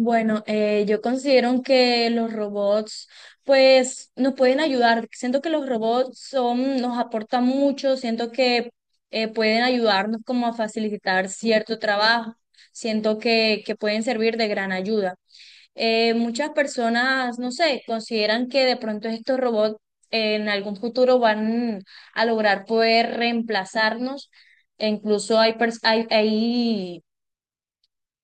Bueno, yo considero que los robots, pues, nos pueden ayudar. Siento que los robots nos aportan mucho, siento que pueden ayudarnos como a facilitar cierto trabajo, siento que pueden servir de gran ayuda. Muchas personas, no sé, consideran que de pronto estos robots en algún futuro van a lograr poder reemplazarnos. E incluso hay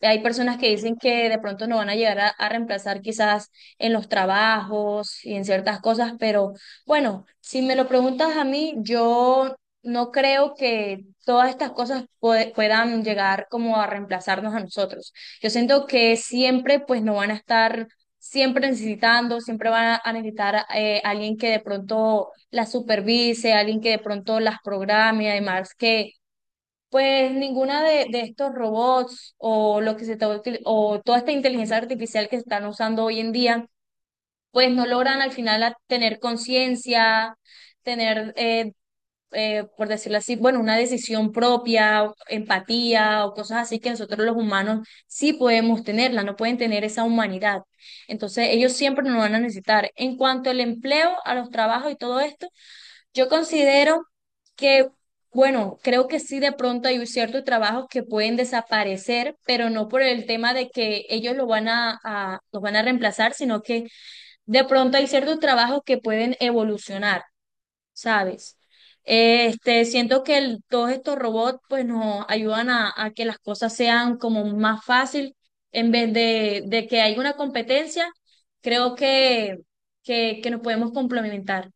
hay personas que dicen que de pronto no van a llegar a reemplazar quizás en los trabajos y en ciertas cosas, pero bueno, si me lo preguntas a mí, yo no creo que todas estas cosas puedan llegar como a reemplazarnos a nosotros. Yo siento que siempre pues no van a estar siempre necesitando, siempre van a necesitar alguien que de pronto las supervise, alguien que de pronto las programe, además que pues ninguna de estos robots o lo que se está o toda esta inteligencia artificial que se están usando hoy en día, pues no logran al final tener conciencia, tener, por decirlo así, bueno, una decisión propia, o empatía o cosas así que nosotros los humanos sí podemos tenerla, no pueden tener esa humanidad. Entonces, ellos siempre nos van a necesitar. En cuanto al empleo, a los trabajos y todo esto, yo considero que, bueno, creo que sí de pronto hay ciertos trabajos que pueden desaparecer, pero no por el tema de que ellos lo van los van a reemplazar, sino que de pronto hay ciertos trabajos que pueden evolucionar, ¿sabes? Siento que todos estos robots pues nos ayudan a que las cosas sean como más fácil en vez de que haya una competencia, creo que nos podemos complementar.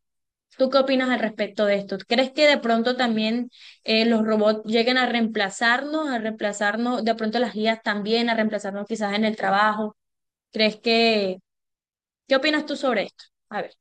¿Tú qué opinas al respecto de esto? ¿Crees que de pronto también los robots lleguen a reemplazarnos, de pronto las guías también, a reemplazarnos quizás en el trabajo? ¿Crees qué opinas tú sobre esto? A ver.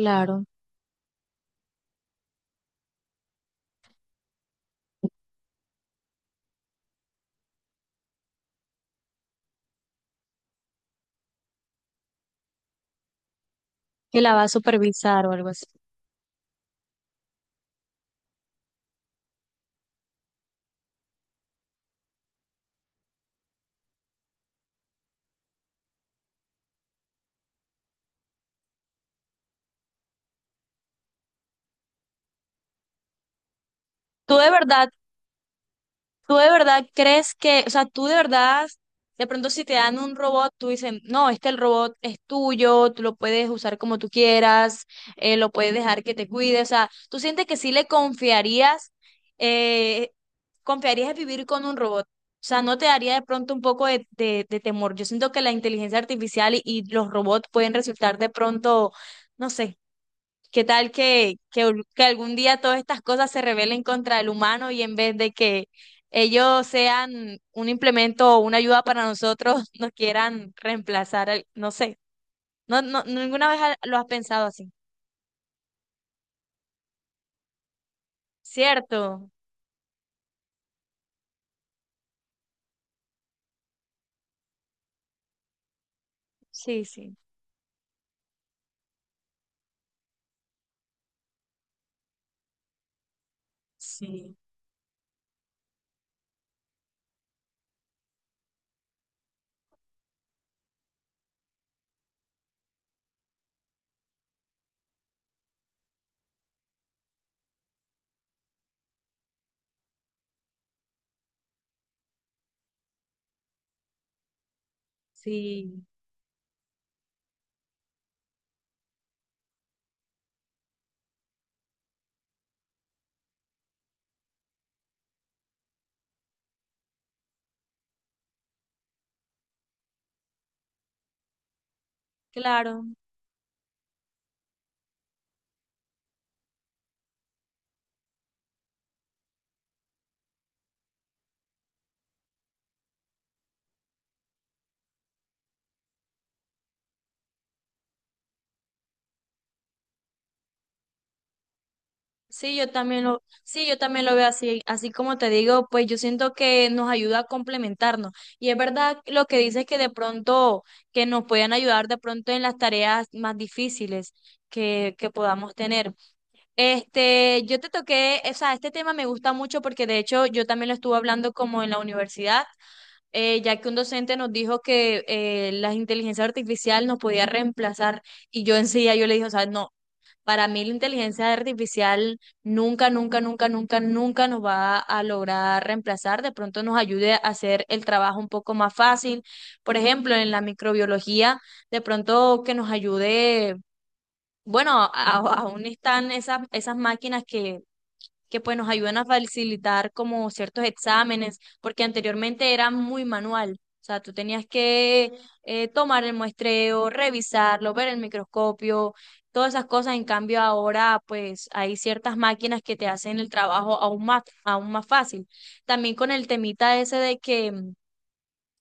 Claro. Que la va a supervisar o algo así. ¿Tú de verdad ¿Tú de verdad crees que, o sea, tú de verdad, de pronto si te dan un robot, tú dices, no, este el robot es tuyo, tú lo puedes usar como tú quieras, lo puedes dejar que te cuide, o sea, ¿tú sientes que sí le confiarías, eh, confiarías en vivir con un robot? O sea, ¿no te daría de pronto un poco de temor? Yo siento que la inteligencia artificial y los robots pueden resultar de pronto, no sé. ¿Qué tal que algún día todas estas cosas se rebelen contra el humano y en vez de que ellos sean un implemento o una ayuda para nosotros, nos quieran reemplazar? No sé, no, no, ninguna vez lo has pensado así, ¿cierto? Sí, sí. Sí, sí, claro. Sí, yo también sí, yo también lo veo así, así como te digo, pues yo siento que nos ayuda a complementarnos. Y es verdad lo que dices que de pronto, que nos pueden ayudar de pronto en las tareas más difíciles que podamos tener. Yo te toqué, o sea, este tema me gusta mucho porque de hecho yo también lo estuve hablando como en la universidad, ya que un docente nos dijo que la inteligencia artificial nos podía reemplazar y yo enseguida yo le dije, o sea, no. Para mí la inteligencia artificial nunca, nunca, nunca, nunca, nunca nos va a lograr reemplazar. De pronto nos ayude a hacer el trabajo un poco más fácil. Por ejemplo, en la microbiología, de pronto que nos ayude, bueno, aún están esas máquinas que pues nos ayudan a facilitar como ciertos exámenes, porque anteriormente era muy manual. O sea, tú tenías que tomar el muestreo, revisarlo, ver el microscopio, todas esas cosas. En cambio, ahora pues hay ciertas máquinas que te hacen el trabajo aún más fácil. También con el temita ese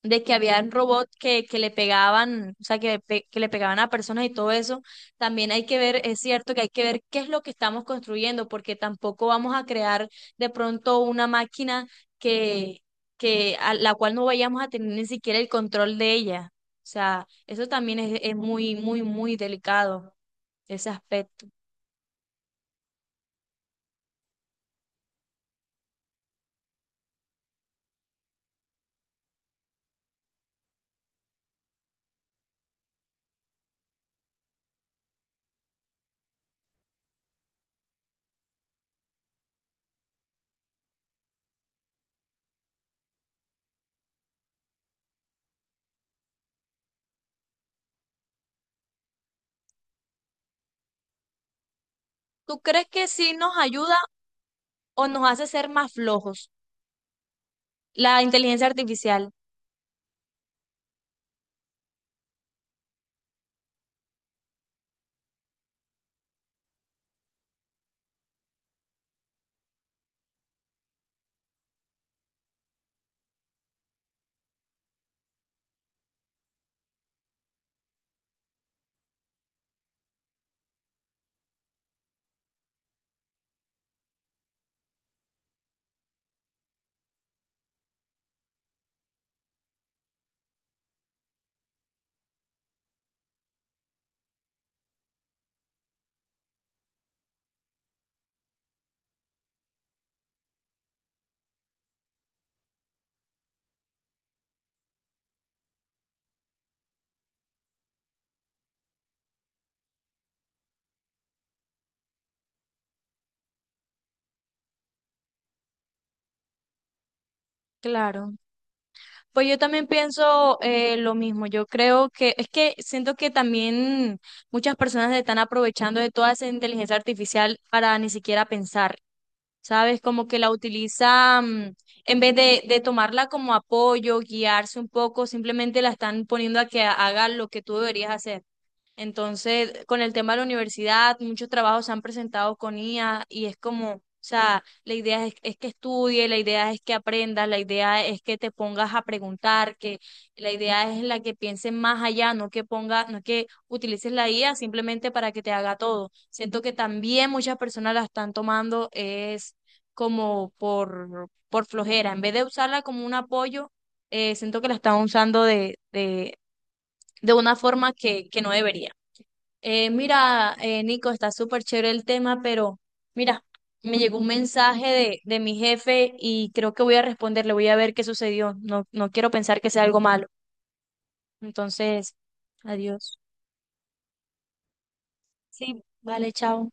de que habían robots que le pegaban, o sea, que le pegaban a personas y todo eso, también hay que ver, es cierto que hay que ver qué es lo que estamos construyendo, porque tampoco vamos a crear de pronto una máquina que, que a la cual no vayamos a tener ni siquiera el control de ella. O sea, eso también es muy, muy, muy delicado, ese aspecto. ¿Tú crees que sí nos ayuda o nos hace ser más flojos? La inteligencia artificial. Claro. Pues yo también pienso lo mismo. Yo creo que es que siento que también muchas personas se están aprovechando de toda esa inteligencia artificial para ni siquiera pensar, ¿sabes? Como que la utilizan, en vez de tomarla como apoyo, guiarse un poco, simplemente la están poniendo a que haga lo que tú deberías hacer. Entonces, con el tema de la universidad, muchos trabajos se han presentado con IA y es como, o sea, la idea es que estudie, la idea es que aprendas, la idea es que te pongas a preguntar, que la idea es la que pienses más allá, no que ponga, no que utilices la IA simplemente para que te haga todo. Siento que también muchas personas la están tomando es como por flojera, en vez de usarla como un apoyo, siento que la están usando de una forma que no debería. Mira, Nico, está súper chévere el tema, pero mira, me llegó un mensaje de mi jefe y creo que voy a responderle, voy a ver qué sucedió. No, no quiero pensar que sea algo malo. Entonces, adiós. Sí, vale, chao.